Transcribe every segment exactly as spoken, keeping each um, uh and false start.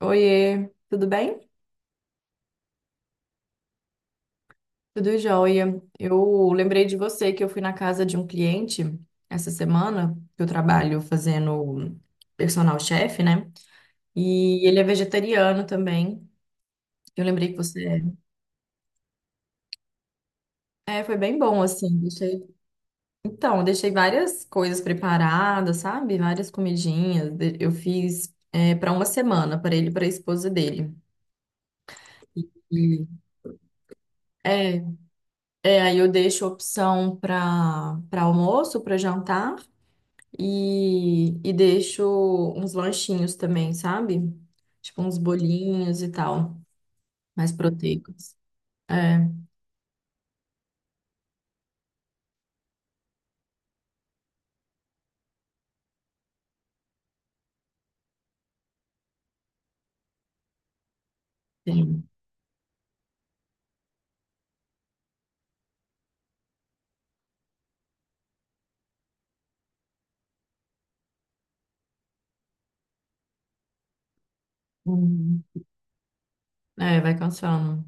Oiê, tudo bem? Tudo jóia. Eu lembrei de você que eu fui na casa de um cliente essa semana, que eu trabalho fazendo personal chef, né? E ele é vegetariano também. Eu lembrei que você é. É, foi bem bom, assim. Deixei... Então, eu deixei várias coisas preparadas, sabe? Várias comidinhas. De- Eu fiz é, para uma semana, para ele e para a esposa dele. E é, é, aí eu deixo opção para para almoço, para jantar. E, e deixo uns lanchinhos também, sabe? Tipo uns bolinhos e tal, mais proteicos. É, tem. Uhum. É, vai cansando.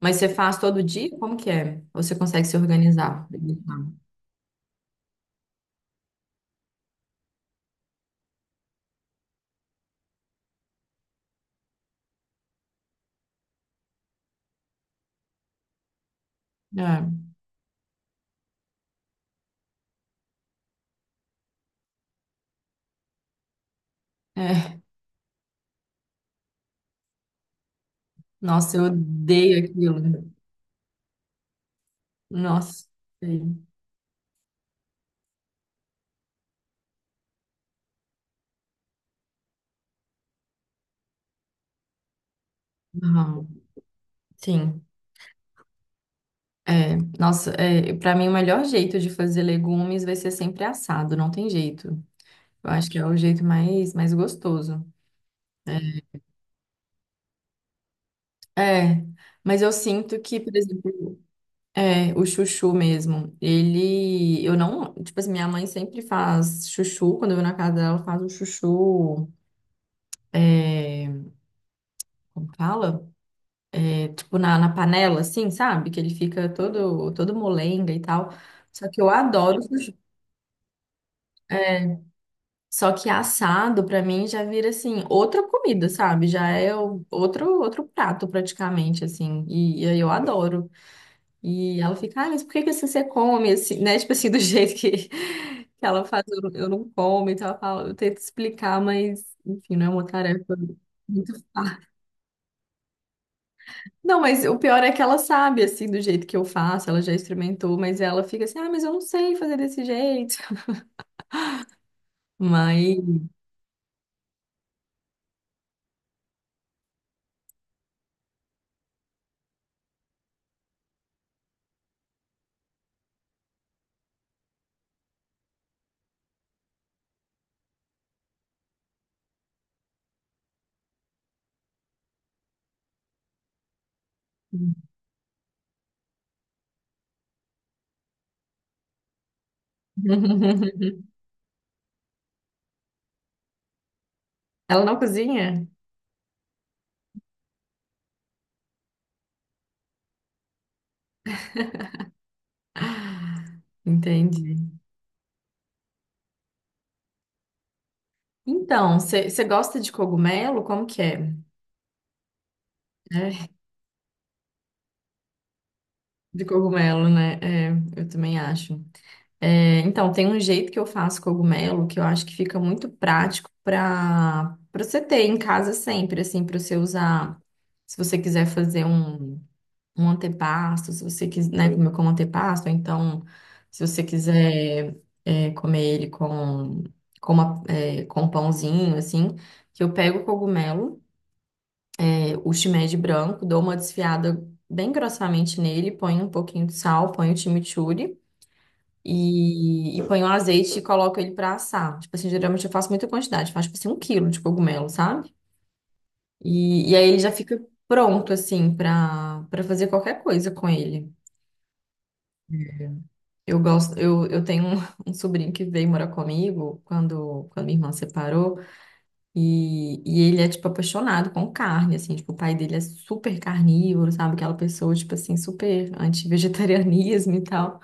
Mas você faz todo dia? Como que é? Ou você consegue se organizar? É, é. Nossa, eu odeio aquilo. Nossa. Sei. Aham. Sim. É, nossa, é, para mim o melhor jeito de fazer legumes vai ser sempre assado, não tem jeito. Eu acho que é o jeito mais, mais gostoso. É, mas eu sinto que, por exemplo, é, o chuchu mesmo, ele, eu não, tipo assim, minha mãe sempre faz chuchu, quando eu vou na casa dela, ela faz o chuchu, é, como fala? Tipo, na, na panela, assim, sabe? Que ele fica todo, todo molenga e tal, só que eu adoro chuchu, só que assado, pra mim, já vira, assim, outra comida, sabe? Já é o- outro, outro prato, praticamente, assim, e, e aí eu adoro. E ela fica, ah, mas por que que assim você come, assim, né? Tipo assim, do jeito que, que ela faz, eu, não- eu não como. Então ela fala, eu tento explicar, mas, enfim, não é uma tarefa muito fácil. Não, mas o pior é que ela sabe, assim, do jeito que eu faço, ela já experimentou, mas ela fica assim, ah, mas eu não sei fazer desse jeito. Mas. Ela não cozinha? Entendi. Então, você gosta de cogumelo? Como que é? É, de cogumelo, né? É, eu também acho. É, então, tem um jeito que eu faço cogumelo que eu acho que fica muito prático para para você ter em casa sempre, assim, para você usar. Se você quiser fazer um, um antepasto, se você quiser, né, comer como antepasto, ou então, se você quiser é, comer ele com, com, uma, é, com um pãozinho, assim, que eu pego o cogumelo, é, o shimeji branco, dou uma desfiada bem grossamente nele, ponho um pouquinho de sal, ponho o chimichurri. E, e ponho azeite e coloco ele pra assar. Tipo assim, geralmente eu faço muita quantidade, faço tipo assim um quilo de cogumelo, sabe? E, e aí ele já fica pronto, assim, pra, pra fazer qualquer coisa com ele. Eu gosto, eu, eu tenho um, um sobrinho que veio morar comigo quando, quando minha irmã separou, e, e ele é, tipo, apaixonado com carne, assim, tipo, o pai dele é super carnívoro, sabe? Aquela pessoa, tipo assim, super anti-vegetarianismo e tal.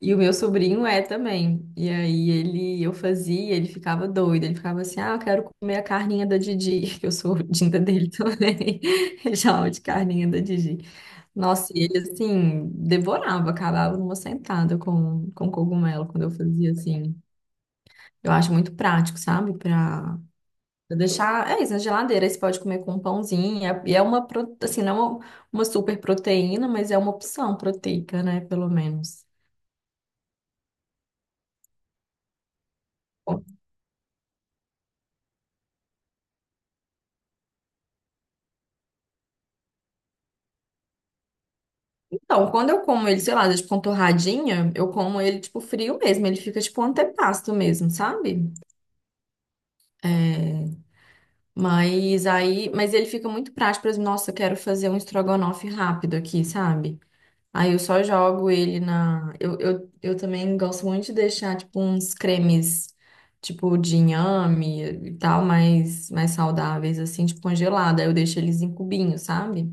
E o meu sobrinho é também. E aí ele, eu fazia, ele ficava doido. Ele ficava assim, ah, eu quero comer a carninha da Didi, que eu sou dinda dele também. Ele chamava de carninha da Didi. Nossa, e ele assim, devorava, acabava numa sentada com, com cogumelo quando eu fazia assim. Eu acho muito prático, sabe? Pra, pra deixar. É isso, na geladeira. Aí você pode comer com um pãozinho. É- E é uma, pro- assim, não é uma, uma super proteína, mas é uma opção proteica, né? Pelo menos. Então, quando eu como ele, sei lá, tipo, com torradinha, eu como ele, tipo, frio mesmo. Ele fica, tipo, um antepasto mesmo, sabe? É, mas aí... Mas ele fica muito prático. Por exemplo, nossa, eu quero fazer um estrogonofe rápido aqui, sabe? Aí eu só jogo ele na... Eu, eu, eu também gosto muito de deixar, tipo, uns cremes, tipo, de inhame e tal, mais, mais saudáveis, assim, tipo, congelado. Aí eu deixo eles em cubinhos, sabe?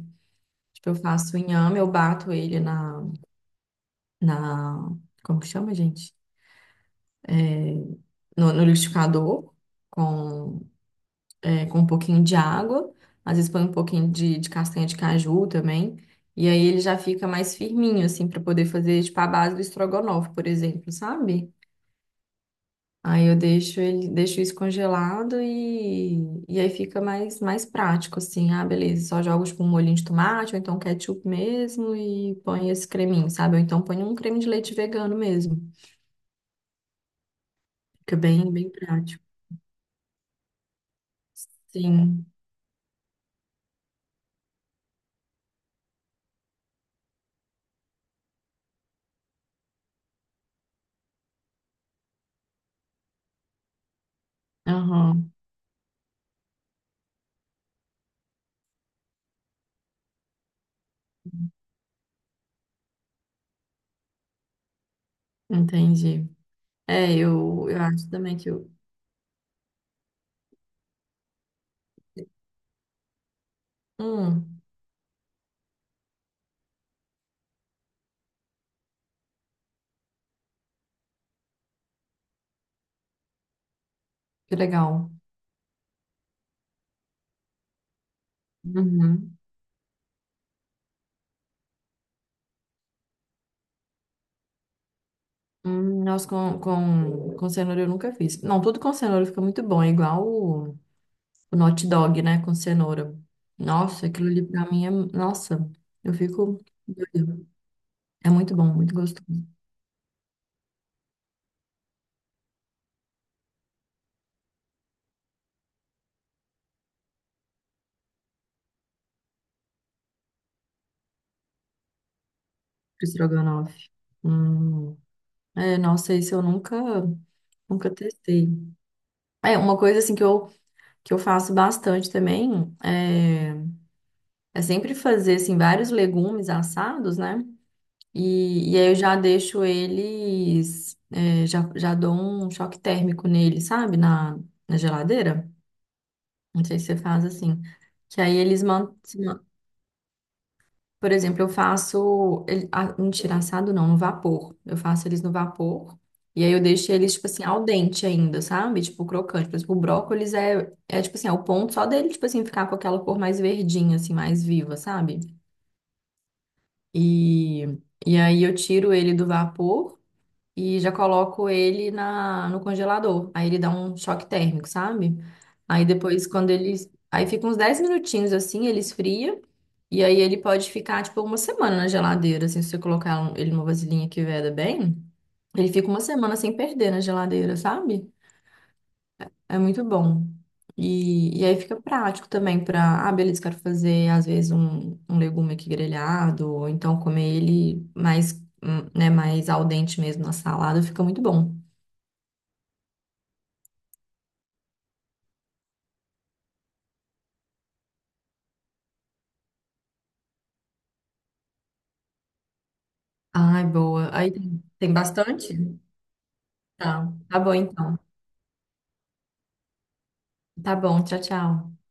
Tipo, eu faço o inhame, eu bato ele na na, como que chama, gente? No, no liquidificador, com, é, com um pouquinho de água, às vezes põe um pouquinho de, de castanha de caju também, e, aí ele já fica mais firminho, assim, para poder fazer, tipo, a base do estrogonofe, por exemplo, sabe? Aí eu deixo ele, deixo isso congelado e, e aí fica mais, mais prático, assim, ah, beleza, só jogo, tipo, um molhinho de tomate, ou então ketchup mesmo, e põe esse creminho, sabe? Ou então põe um creme de leite vegano mesmo. Fica bem, bem prático. Sim, aham, entendi. É, eu, eu acho também que eu... Hum, que legal. Uhum. Hum, nossa, com, com, com cenoura eu nunca fiz. Não, tudo com cenoura fica muito bom, é igual o, o hot dog, né, com cenoura. Nossa, aquilo ali pra mim é... Nossa, eu fico... doida. É muito bom, muito gostoso. Estrogonofe. Hum. É, nossa, isso eu nunca, nunca testei. É, uma coisa assim que eu que eu faço bastante também é, é sempre fazer assim vários legumes assados, né? E, e aí eu já deixo eles, é, já, já dou um choque térmico nele, sabe? Na, na geladeira. Não sei se você faz assim. Que aí eles mantêm. Por exemplo, eu faço. Ele, ah, mentira, assado não, no vapor. Eu faço eles no vapor. E aí eu deixo eles, tipo assim, ao dente ainda, sabe? Tipo, crocante. Por exemplo, o brócolis é, é tipo assim, é o ponto só dele, tipo assim, ficar com aquela cor mais verdinha, assim, mais viva, sabe? E, e aí eu tiro ele do vapor e já coloco ele na, no congelador. Aí ele dá um choque térmico, sabe? Aí depois, quando ele. Aí fica uns dez minutinhos assim, ele esfria. E aí ele pode ficar, tipo, uma semana na geladeira. Assim, se você colocar um- ele numa vasilhinha que veda bem, ele fica uma semana sem perder na geladeira, sabe? É muito bom. E, e aí fica prático também para, ah, beleza, quero fazer às vezes um, um legume aqui grelhado, ou então comer ele mais, hum, né, mais al dente mesmo na salada, fica muito bom. Ai, boa. Aí tem tem bastante? Tá. Tá bom então. Tá bom, tchau, tchau.